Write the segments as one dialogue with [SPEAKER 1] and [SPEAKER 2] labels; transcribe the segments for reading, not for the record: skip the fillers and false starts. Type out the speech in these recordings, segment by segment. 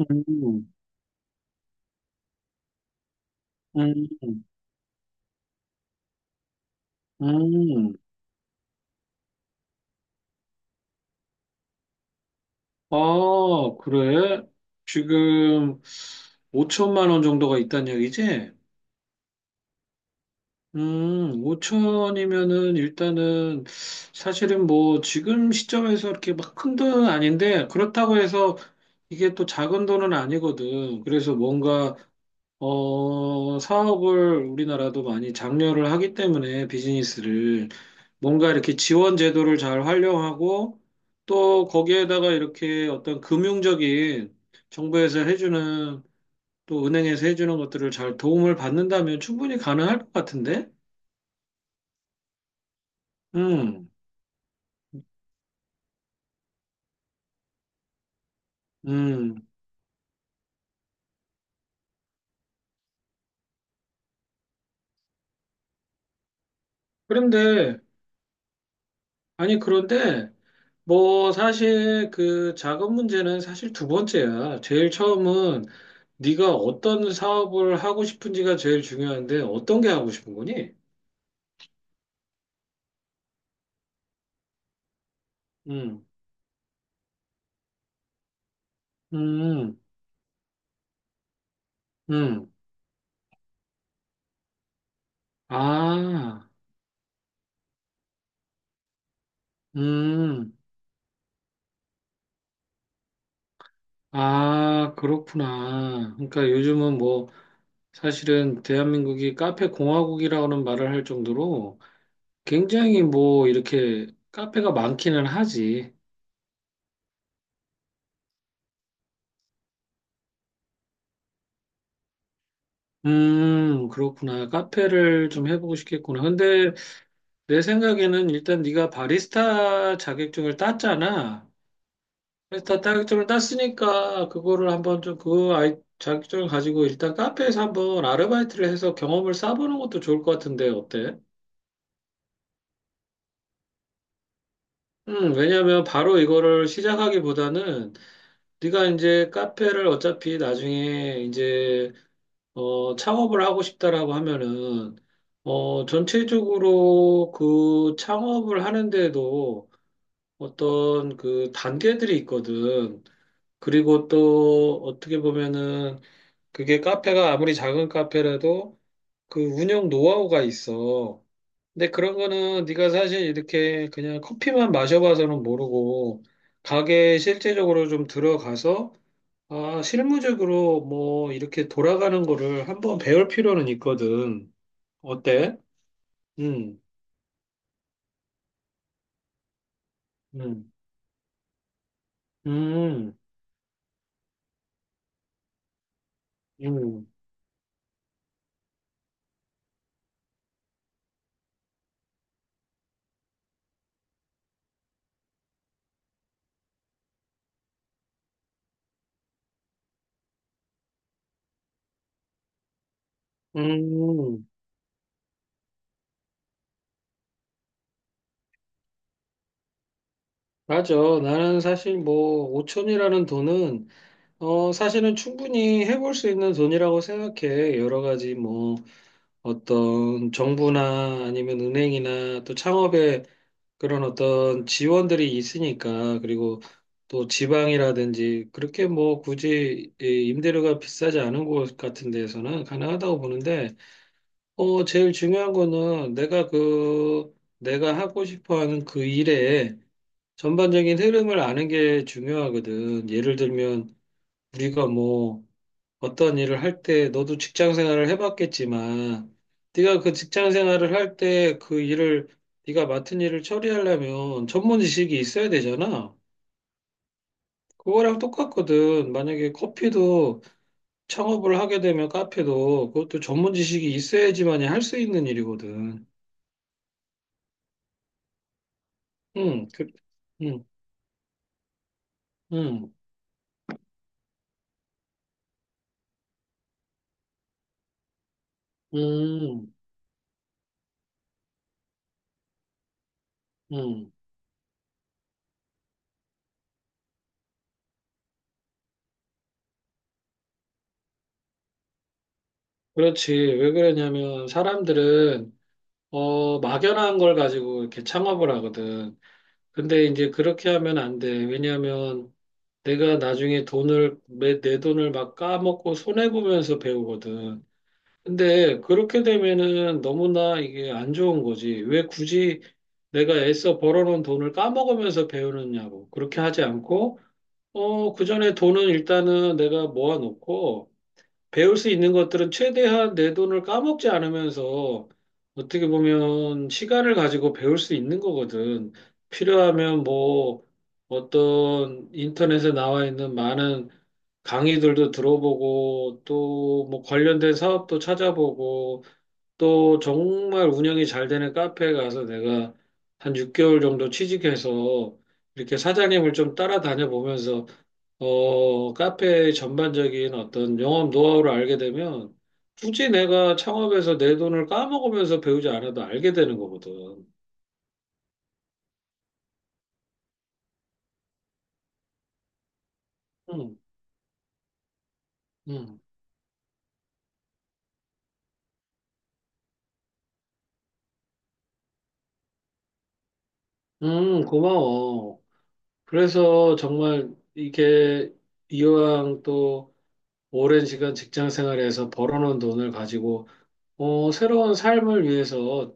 [SPEAKER 1] 음, 음, 음. 아, 그래? 지금 5천만 원 정도가 있다는 얘기지? 5천이면은 일단은 사실은 뭐 지금 시점에서 이렇게 막 큰 돈은 아닌데 그렇다고 해서 이게 또 작은 돈은 아니거든. 그래서 뭔가 사업을 우리나라도 많이 장려를 하기 때문에 비즈니스를 뭔가 이렇게 지원 제도를 잘 활용하고 또 거기에다가 이렇게 어떤 금융적인 정부에서 해주는, 또 은행에서 해주는 것들을 잘 도움을 받는다면 충분히 가능할 것 같은데? 음, 음. 그런데, 아니, 그런데 뭐, 사실 그 작업 문제는 사실 두 번째야. 제일 처음은 네가 어떤 사업을 하고 싶은지가 제일 중요한데, 어떤 게 하고 싶은 거니? 음, 음, 음. 아, 음. 아, 그렇구나. 그러니까 요즘은 뭐 사실은 대한민국이 카페 공화국이라는 말을 할 정도로 굉장히 뭐 이렇게 카페가 많기는 하지. 그렇구나. 카페를 좀 해보고 싶겠구나. 근데 내 생각에는 일단 네가 바리스타 자격증을 땄잖아. 바리스타 자격증을 땄으니까 그거를 한번 좀 그 아이 자격증을 가지고 일단 카페에서 한번 아르바이트를 해서 경험을 쌓아보는 것도 좋을 것 같은데 어때? 왜냐면 바로 이거를 시작하기보다는 네가 이제 카페를 어차피 나중에 이제 창업을 하고 싶다라고 하면은 전체적으로 그 창업을 하는데도 어떤 그 단계들이 있거든. 그리고 또 어떻게 보면은 그게 카페가 아무리 작은 카페라도 그 운영 노하우가 있어. 근데 그런 거는 네가 사실 이렇게 그냥 커피만 마셔봐서는 모르고 가게에 실제적으로 좀 들어가서 아, 실무적으로 뭐 이렇게 돌아가는 거를 한번 배울 필요는 있거든. 어때? 음, 음, 음, 음, 음. 맞아. 나는 사실 뭐 5천이라는 돈은 사실은 충분히 해볼 수 있는 돈이라고 생각해. 여러 가지 뭐 어떤 정부나 아니면 은행이나 또 창업에 그런 어떤 지원들이 있으니까, 그리고 또 지방이라든지 그렇게 뭐 굳이 이 임대료가 비싸지 않은 곳 같은 데에서는 가능하다고 보는데, 제일 중요한 거는 내가 그 내가 하고 싶어 하는 그 일에 전반적인 흐름을 아는 게 중요하거든. 예를 들면 우리가 뭐 어떤 일을 할 때 너도 직장 생활을 해봤겠지만, 네가 그 직장 생활을 할 때 그 일을 네가 맡은 일을 처리하려면 전문 지식이 있어야 되잖아. 그거랑 똑같거든. 만약에 커피도 창업을 하게 되면 카페도 그것도 전문 지식이 있어야지만이 할 수 있는 일이거든. 응, 응, 응, 응, 응. 그렇지. 왜 그러냐면 사람들은 막연한 걸 가지고 이렇게 창업을 하거든. 근데 이제 그렇게 하면 안 돼. 왜냐하면 내가 나중에 내 돈을 막 까먹고 손해보면서 배우거든. 근데 그렇게 되면은 너무나 이게 안 좋은 거지. 왜 굳이 내가 애써 벌어놓은 돈을 까먹으면서 배우느냐고. 그렇게 하지 않고, 그 전에 돈은 일단은 내가 모아놓고, 배울 수 있는 것들은 최대한 내 돈을 까먹지 않으면서 어떻게 보면 시간을 가지고 배울 수 있는 거거든. 필요하면 뭐 어떤 인터넷에 나와 있는 많은 강의들도 들어보고, 또 뭐 관련된 사업도 찾아보고, 또 정말 운영이 잘 되는 카페에 가서 내가 한 6개월 정도 취직해서 이렇게 사장님을 좀 따라다녀 보면서 카페의 전반적인 어떤 영업 노하우를 알게 되면, 굳이 내가 창업해서 내 돈을 까먹으면서 배우지 않아도 알게 되는 거거든. 응, 응, 응, 고마워. 그래서 정말 이게 이왕 또 오랜 시간 직장 생활에서 벌어놓은 돈을 가지고 새로운 삶을 위해서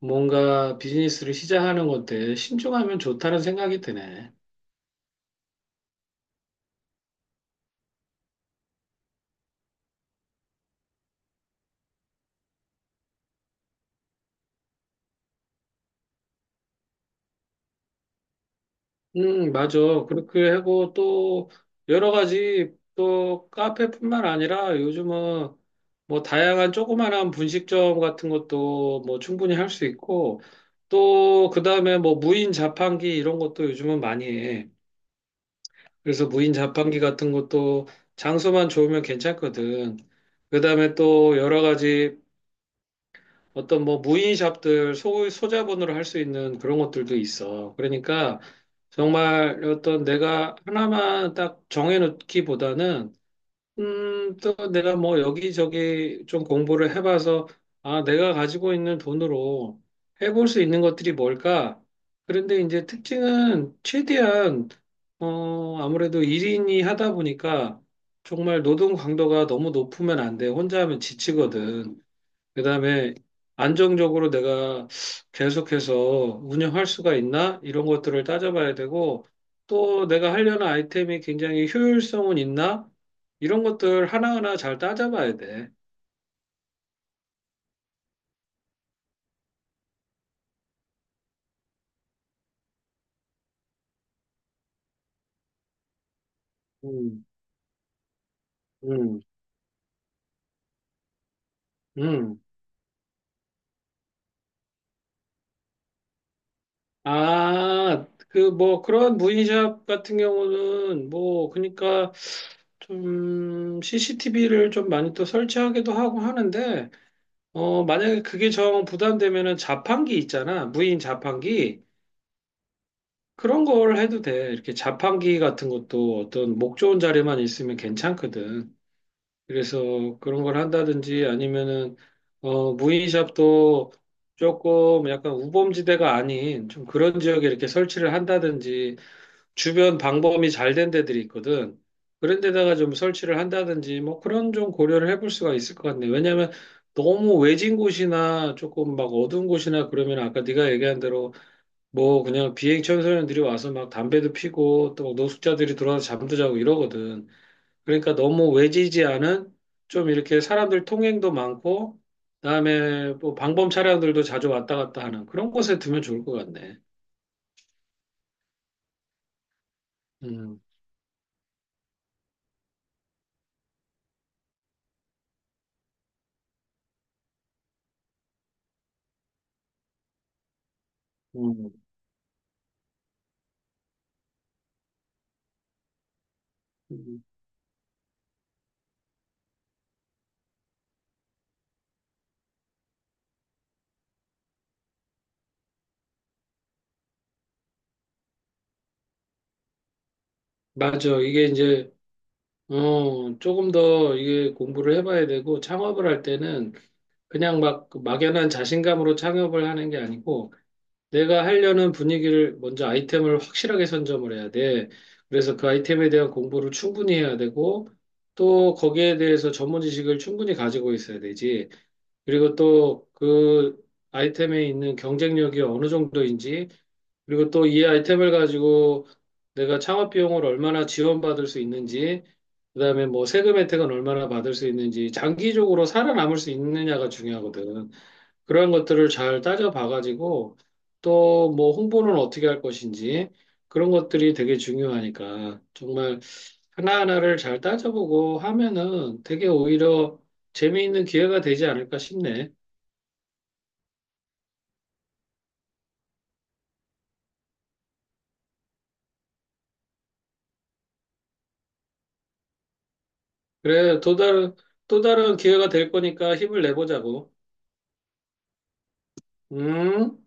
[SPEAKER 1] 뭔가 비즈니스를 시작하는 건데 신중하면 좋다는 생각이 드네. 맞아. 그렇게 하고 또 여러 가지 또 카페뿐만 아니라 요즘은 뭐 다양한 조그마한 분식점 같은 것도 뭐 충분히 할 수 있고, 또 그다음에 뭐 무인 자판기 이런 것도 요즘은 많이 해. 그래서 무인 자판기 같은 것도 장소만 좋으면 괜찮거든. 그다음에 또 여러 가지 어떤 뭐 무인샵들 소자본으로 할 수 있는 그런 것들도 있어. 그러니까 정말 어떤 내가 하나만 딱 정해놓기보다는 또 내가 뭐 여기저기 좀 공부를 해봐서 아, 내가 가지고 있는 돈으로 해볼 수 있는 것들이 뭘까? 그런데 이제 특징은 최대한 아무래도 1인이 하다 보니까 정말 노동 강도가 너무 높으면 안 돼. 혼자 하면 지치거든. 그다음에 안정적으로 내가 계속해서 운영할 수가 있나? 이런 것들을 따져봐야 되고, 또 내가 하려는 아이템이 굉장히 효율성은 있나? 이런 것들 하나하나 잘 따져봐야 돼. 음, 음, 음. 아, 그 뭐 그런 무인샵 같은 경우는 뭐 그러니까 좀 CCTV를 좀 많이 또 설치하기도 하고 하는데, 만약에 그게 정 부담되면은 자판기 있잖아. 무인 자판기. 그런 걸 해도 돼. 이렇게 자판기 같은 것도 어떤 목 좋은 자리만 있으면 괜찮거든. 그래서 그런 걸 한다든지 아니면은 무인샵도 조금 약간 우범지대가 아닌 좀 그런 지역에 이렇게 설치를 한다든지, 주변 방범이 잘 된 데들이 있거든. 그런 데다가 좀 설치를 한다든지 뭐 그런 좀 고려를 해볼 수가 있을 것 같네. 왜냐면 너무 외진 곳이나 조금 막 어두운 곳이나 그러면 아까 네가 얘기한 대로 뭐 그냥 비행 청소년들이 와서 막 담배도 피고 또 막 노숙자들이 들어와서 잠도 자고 이러거든. 그러니까 너무 외지지 않은 좀 이렇게 사람들 통행도 많고, 그다음에 뭐 방범 차량들도 자주 왔다 갔다 하는 그런 곳에 두면 좋을 것 같네. 음, 음, 음. 맞아. 이게 이제 조금 더 이게 공부를 해봐야 되고, 창업을 할 때는 그냥 막 막연한 자신감으로 창업을 하는 게 아니고 내가 하려는 분위기를 먼저 아이템을 확실하게 선점을 해야 돼. 그래서 그 아이템에 대한 공부를 충분히 해야 되고, 또 거기에 대해서 전문 지식을 충분히 가지고 있어야 되지. 그리고 또 그 아이템에 있는 경쟁력이 어느 정도인지, 그리고 또 이 아이템을 가지고 내가 창업 비용을 얼마나 지원받을 수 있는지, 그다음에 뭐 세금 혜택은 얼마나 받을 수 있는지, 장기적으로 살아남을 수 있느냐가 중요하거든. 그런 것들을 잘 따져봐가지고 또 뭐 홍보는 어떻게 할 것인지, 그런 것들이 되게 중요하니까 정말 하나하나를 잘 따져보고 하면은 되게 오히려 재미있는 기회가 되지 않을까 싶네. 그래, 또 다른, 또 다른 기회가 될 거니까 힘을 내보자고. 음.